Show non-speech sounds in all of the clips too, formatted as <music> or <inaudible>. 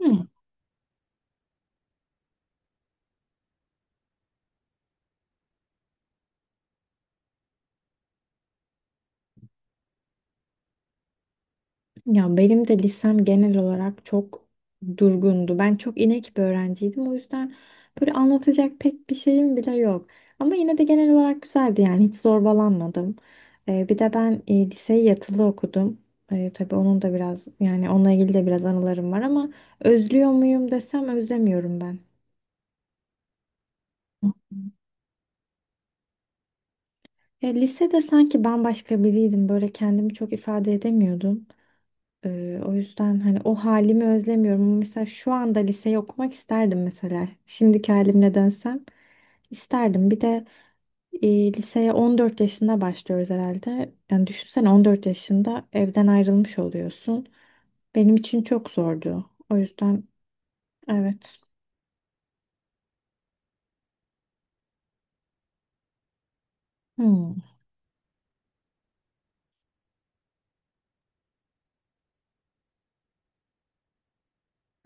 Hı. Ya benim de lisem genel olarak çok durgundu. Ben çok inek bir öğrenciydim. O yüzden böyle anlatacak pek bir şeyim bile yok. Ama yine de genel olarak güzeldi, yani hiç zorbalanmadım. Bir de ben liseyi yatılı okudum. Tabii onun da biraz, yani onunla ilgili de biraz anılarım var ama özlüyor muyum desem özlemiyorum ben. Ya lisede sanki bambaşka biriydim. Böyle kendimi çok ifade edemiyordum. O yüzden hani o halimi özlemiyorum. Ama mesela şu anda liseyi okumak isterdim mesela. Şimdiki halimle dönsem isterdim. Bir de liseye 14 yaşında başlıyoruz herhalde. Yani düşünsene 14 yaşında evden ayrılmış oluyorsun. Benim için çok zordu. O yüzden evet. Hmm.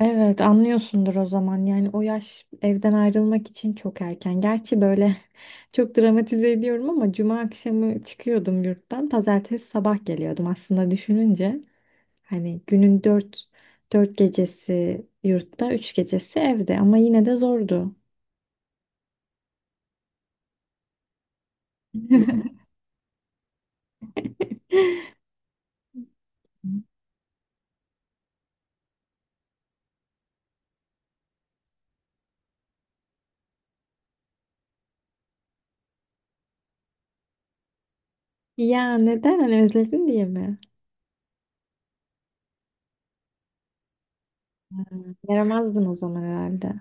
Evet, anlıyorsundur o zaman. Yani o yaş evden ayrılmak için çok erken. Gerçi böyle <laughs> çok dramatize ediyorum ama cuma akşamı çıkıyordum yurttan. Pazartesi sabah geliyordum aslında düşününce. Hani dört gecesi yurtta, üç gecesi evde ama yine de zordu. <laughs> Ya neden? Hani özledin diye mi? Yaramazdın o zaman herhalde.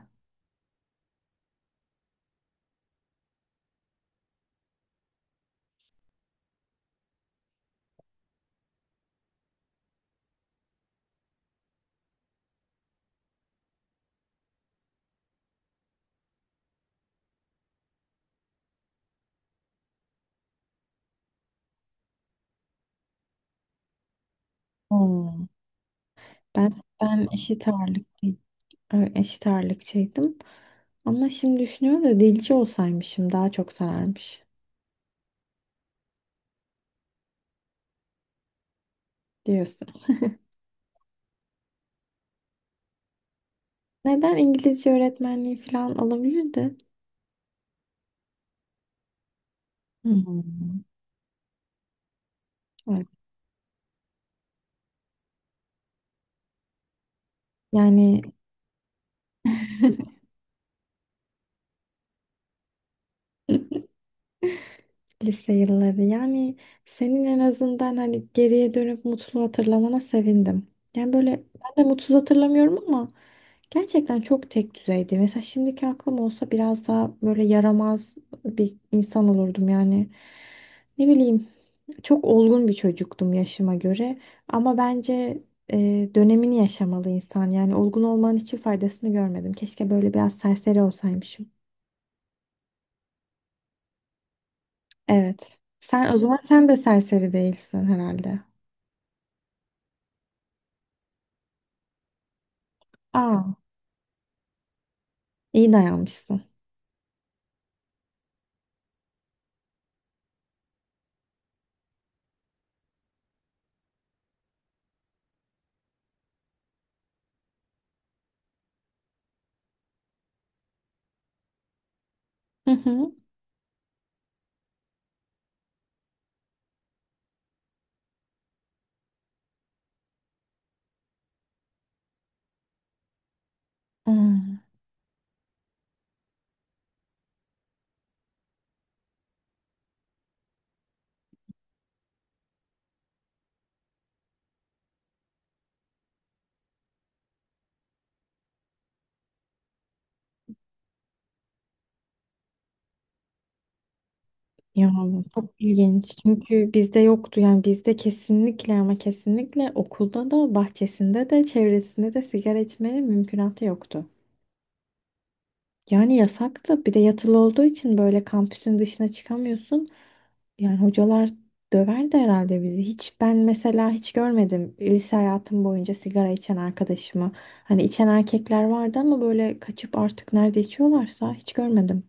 Oo, ben ben eşit ağırlık. Evet, eşit ağırlıkçıydım. Ama şimdi düşünüyorum da dilci olsaymışım daha çok sararmış diyorsun. Neden? İngilizce öğretmenliği falan olabilirdi. Hmm. Evet. Yani <laughs> lise yılları, yani senin en azından hani geriye dönüp mutlu hatırlamana sevindim. Yani böyle ben de mutsuz hatırlamıyorum ama gerçekten çok tek düzeydi. Mesela şimdiki aklım olsa biraz daha böyle yaramaz bir insan olurdum yani. Ne bileyim, çok olgun bir çocuktum yaşıma göre. Ama bence dönemini yaşamalı insan. Yani olgun olmanın hiçbir faydasını görmedim. Keşke böyle biraz serseri olsaymışım. Evet. Sen o zaman, sen de serseri değilsin herhalde. Aa, iyi dayanmışsın. Hı hı. Hmm. Ya çok ilginç. Çünkü bizde yoktu, yani bizde kesinlikle ama kesinlikle okulda da bahçesinde de çevresinde de sigara içmenin mümkünatı yoktu. Yani yasaktı. Bir de yatılı olduğu için böyle kampüsün dışına çıkamıyorsun. Yani hocalar döverdi herhalde bizi. Hiç ben mesela hiç görmedim lise hayatım boyunca sigara içen arkadaşımı. Hani içen erkekler vardı ama böyle kaçıp artık nerede içiyorlarsa hiç görmedim.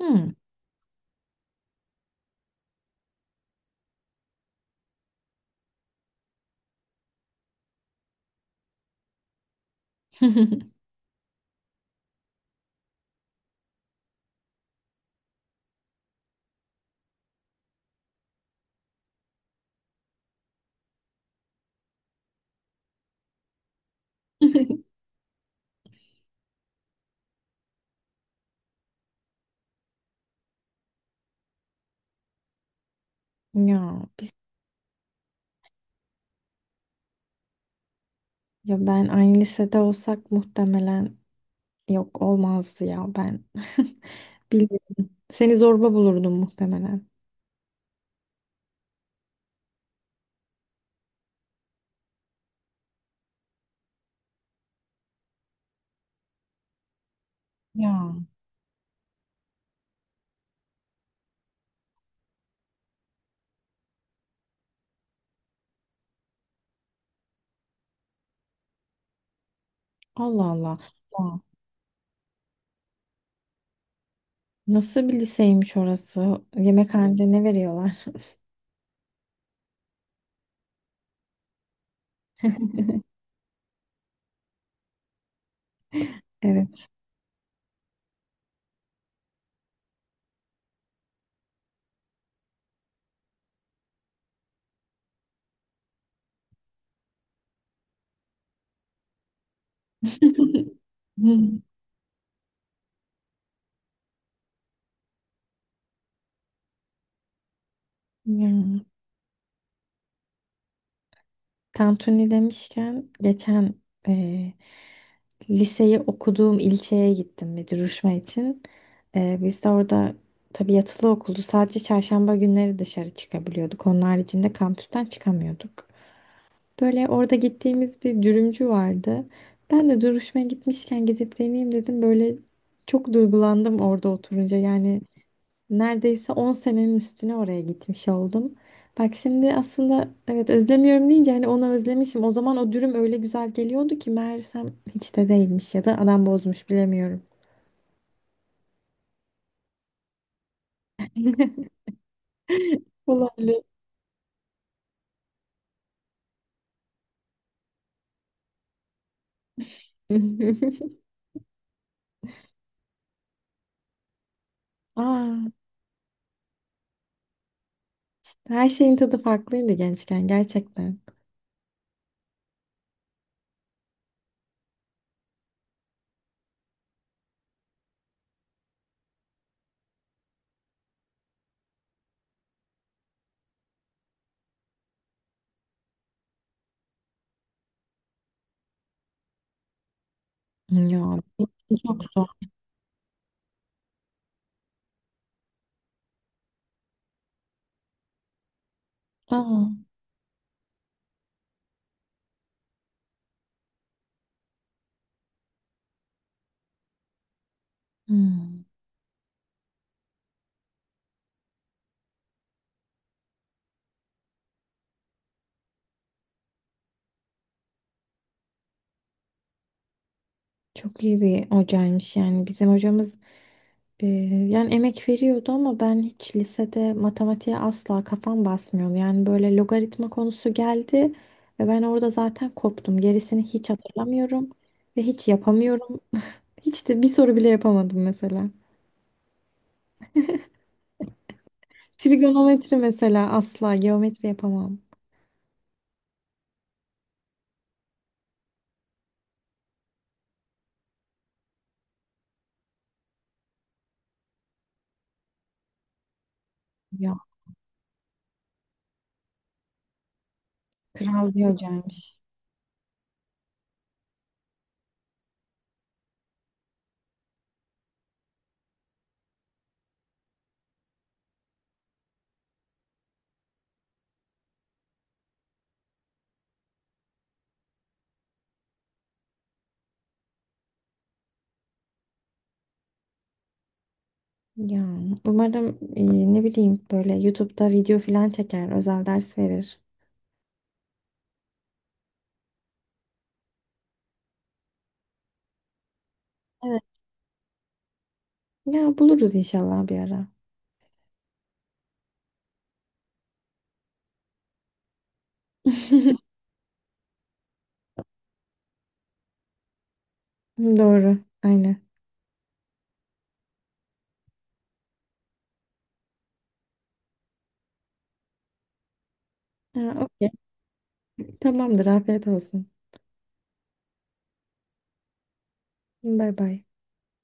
Hmm. <laughs> Ya biz, ya ben aynı lisede olsak muhtemelen yok, olmazdı ya ben. <laughs> Bilmiyorum. Seni zorba bulurdum muhtemelen. Ya Allah Allah. Ya. Nasıl bir liseymiş orası? Yemekhanede ne veriyorlar? Evet. Hı. Yani, tantuni demişken geçen eee, liseyi okuduğum ilçeye gittim bir duruşma için. Biz de orada tabii yatılı okuldu. Sadece çarşamba günleri dışarı çıkabiliyorduk. Onun haricinde kampüsten çıkamıyorduk. Böyle orada gittiğimiz bir dürümcü vardı. Ben de duruşmaya gitmişken gidip deneyeyim dedim. Böyle çok duygulandım orada oturunca. Yani neredeyse 10 senenin üstüne oraya gitmiş oldum. Bak şimdi aslında, evet, özlemiyorum deyince hani onu özlemişim. O zaman o dürüm öyle güzel geliyordu ki meğersem hiç de değilmiş, ya da adam bozmuş, bilemiyorum. Olabilir. <laughs> Aa, işte her şeyin tadı farklıydı gençken gerçekten. Ya çok zor. Aa, hmm. Çok iyi bir hocaymış yani. Bizim hocamız, Ee, yani emek veriyordu ama ben hiç lisede matematiğe asla kafam basmıyordu. Yani böyle logaritma konusu geldi ve ben orada zaten koptum. Gerisini hiç hatırlamıyorum ve hiç yapamıyorum. Hiç de bir soru bile yapamadım mesela. Trigonometri mesela, asla geometri yapamam. Ya kral diyor gelmiş. Ya umarım e, ne bileyim böyle YouTube'da video falan çeker, özel ders verir. Evet. Ya buluruz inşallah bir ara. <laughs> Doğru, aynen. Ha, okey. Tamamdır. Afiyet olsun. Bay bay.